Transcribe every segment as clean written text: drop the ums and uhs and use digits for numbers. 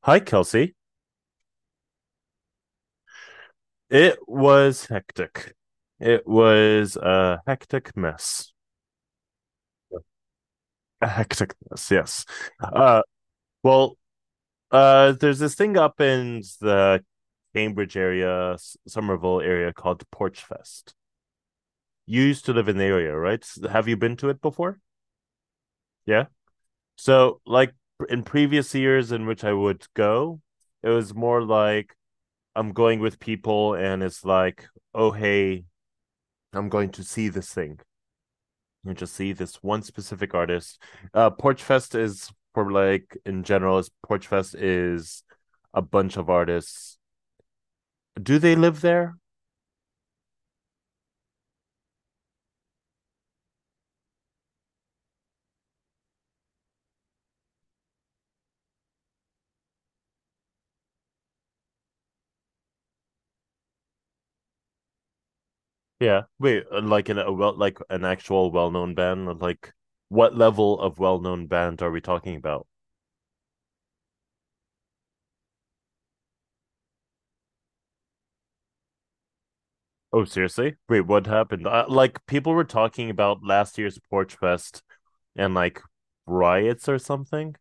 Hi, Kelsey. It was hectic. It was a hectic mess. A hectic mess, yes. Uh, well, there's this thing up in the Cambridge area, Somerville area called Porch Fest. You used to live in the area, right? Have you been to it before? Yeah. So, like in previous years in which I would go, it was more like I'm going with people and it's like, oh, hey, I'm going to see this thing you just see this one specific artist. Porchfest is for like in general. Is Porchfest is a bunch of artists. Do they live there? Yeah. Wait, like in a well, like an actual well-known band. Like, what level of well-known band are we talking about? Oh, seriously? Wait, what happened? Like, people were talking about last year's Porchfest and like riots or something.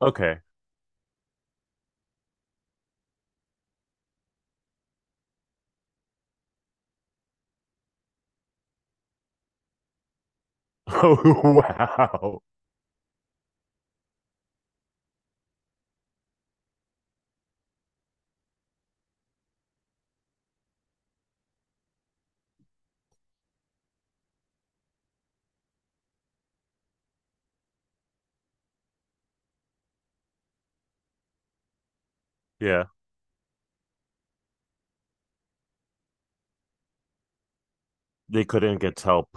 Okay. Oh, wow. Yeah, they couldn't get help.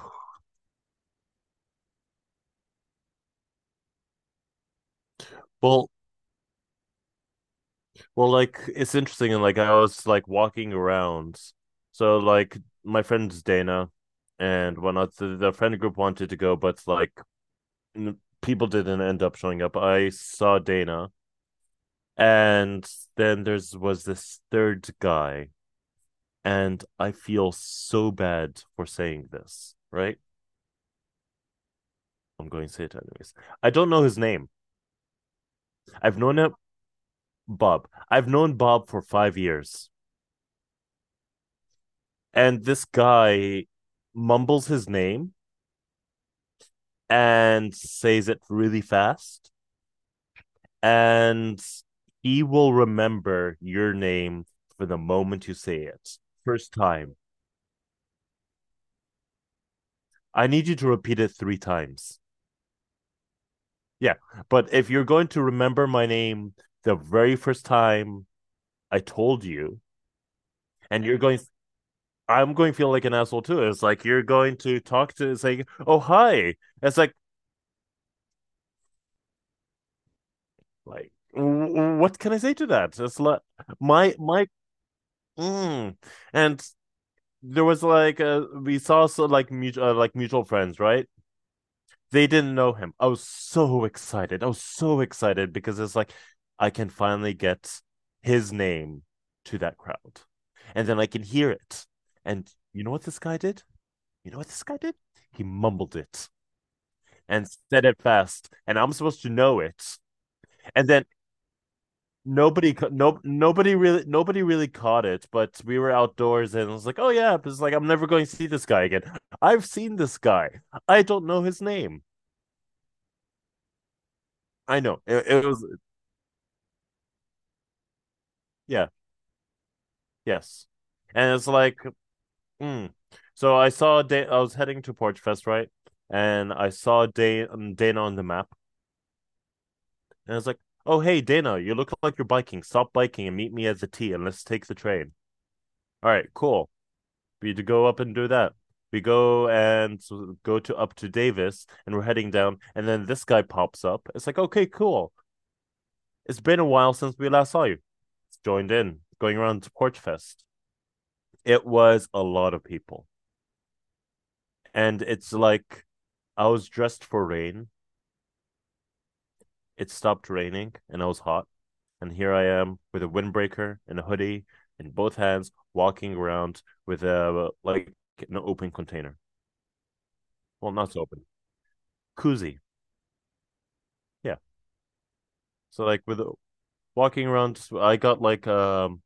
Well, Well, like it's interesting, and like I was like walking around, so like my friends Dana and whatnot, the friend group wanted to go, but like people didn't end up showing up. I saw Dana, and then there's was this third guy, and I feel so bad for saying this, right? I'm going to say it anyways. I don't know his name. I've known him, Bob. I've known Bob for 5 years, and this guy mumbles his name and says it really fast. And he will remember your name for the moment you say it. First time. I need you to repeat it 3 times. Yeah. But if you're going to remember my name the very first time I told you, and you're going, I'm going to feel like an asshole too. It's like you're going to talk to, it's like, oh, hi. It's like, like, what can I say to that? It's like my, mm. And there was like a we saw, so like, mutual friends, right? They didn't know him. I was so excited. I was so excited because it's like I can finally get his name to that crowd, and then I can hear it. And you know what this guy did? You know what this guy did? He mumbled it and said it fast, and I'm supposed to know it. And then nobody ca- no nobody really caught it, but we were outdoors and I was like, oh yeah, it's like I'm never going to see this guy again. I've seen this guy, I don't know his name. I know it was. Yeah yes And it's like mm. So I saw Dana, I was heading to Porch Fest, right? And I saw Dana on the map, and I was like, oh hey Dana, you look like you're biking, stop biking and meet me at the T and let's take the train. All right, cool. We to go up and do that. We go and go to up to Davis, and we're heading down, and then this guy pops up. It's like, okay, cool. It's been a while since we last saw you. It's Joined in, going around to Porch Fest. It was a lot of people, and it's like I was dressed for rain. It stopped raining, and I was hot. And here I am with a windbreaker and a hoodie in both hands, walking around with a like an open container. Well, not so open, koozie. Yeah. So like with walking around. I got like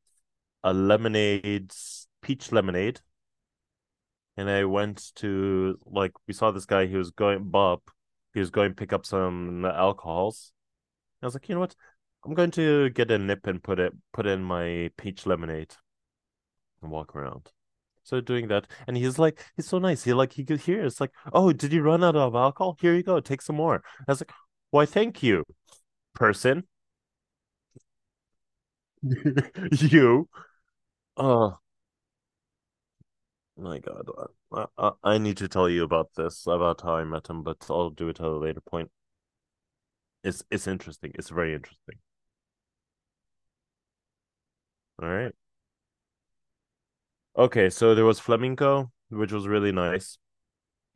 a lemonade, peach lemonade, and I went to like we saw this guy. He was going Bob. He was going to pick up some alcohols. I was like, you know what? I'm going to get a nip and put in my peach lemonade and walk around. So doing that, and he's like, he's so nice. He could hear. It's like, oh, did you run out of alcohol? Here you go, take some more. I was like, why, thank you, person. you. Uh My God, I need to tell you about this about how I met him, but I'll do it at a later point. It's interesting. It's very interesting. All right. Okay, so there was flamenco, which was really nice.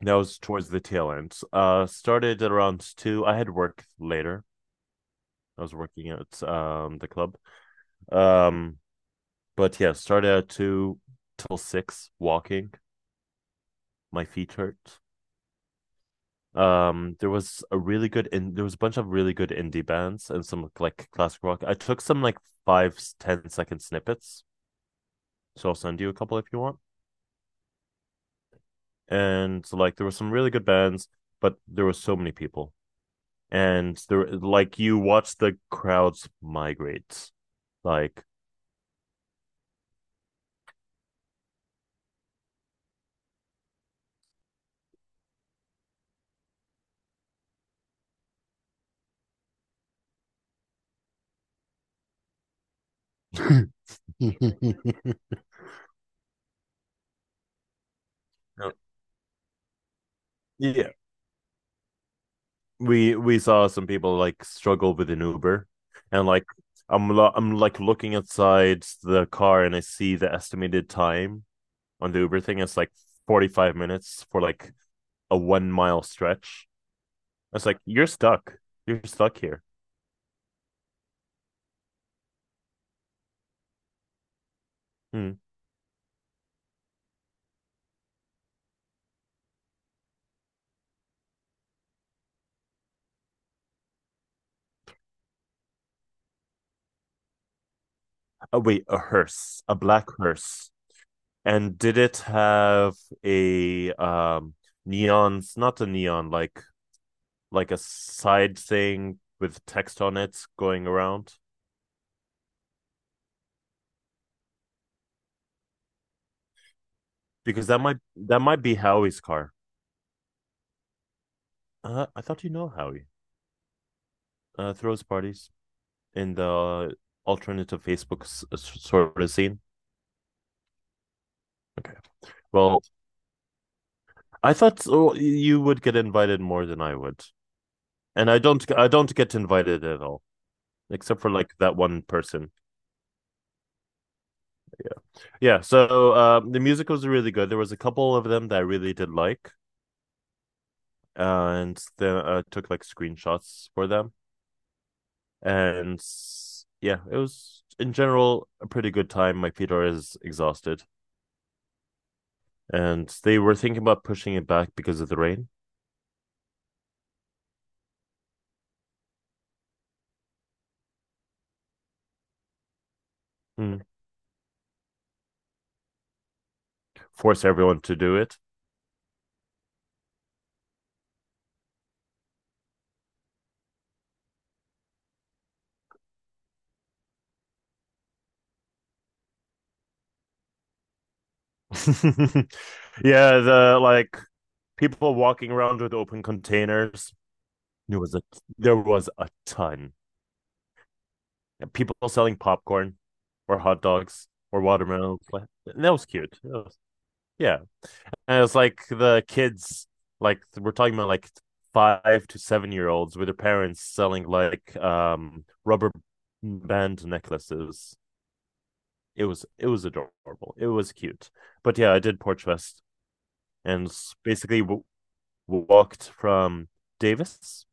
That was towards the tail end. Started at around 2. I had work later. I was working at the club. Um, but yeah, started at 2 till 6 walking. My feet hurt. There was a bunch of really good indie bands and some like classic rock. I took some like 5, ten second snippets, so I'll send you a couple if you want. And so, like there were some really good bands, but there were so many people. And there like you watch the crowds migrate. Like you know, yeah, we saw some people like struggle with an Uber, and like I'm I'm like looking outside the car and I see the estimated time on the Uber thing, it's like 45 minutes for like a 1-mile stretch. It's like, you're stuck. You're stuck here. Hmm. Oh, wait, a hearse, a black hearse. And did it have a neon, not a neon, like a side thing with text on it going around? Because that might be Howie's car. I thought you know Howie. Throws parties in the alternative Facebook sort of scene. Okay. Well, I thought so, you would get invited more than I would, and I don't. I don't get invited at all, except for like that one person. Yeah. So, the music was really good. There was a couple of them that I really did like, and then I took like screenshots for them. And yeah, it was in general a pretty good time. My Peter is exhausted, and they were thinking about pushing it back because of the rain. Mm. Force everyone to do it. yeah, the like people walking around with open containers. There was a there was a ton. And people selling popcorn or hot dogs or watermelon. And that was cute. Yeah. And it was like the kids like we're talking about like 5 to 7 year olds with their parents selling like rubber band necklaces. It was adorable. It was cute. But yeah, I did Porch Fest and basically walked from Davis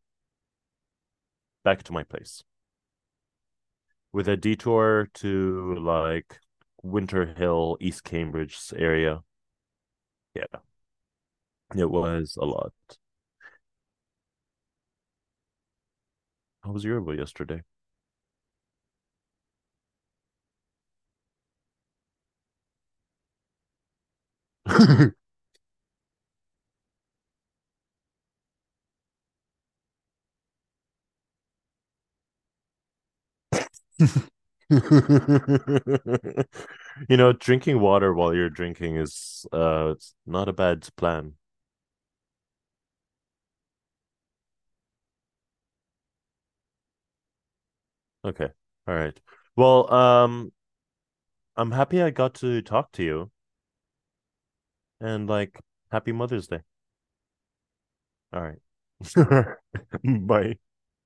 back to my place with a detour to like Winter Hill, East Cambridge area. Yeah, it was a lot. How was your Yoruba yesterday? Drinking water while you're drinking is it's not a bad plan. Okay. All right. Well, I'm happy I got to talk to you and like happy Mother's Day. All right. Bye.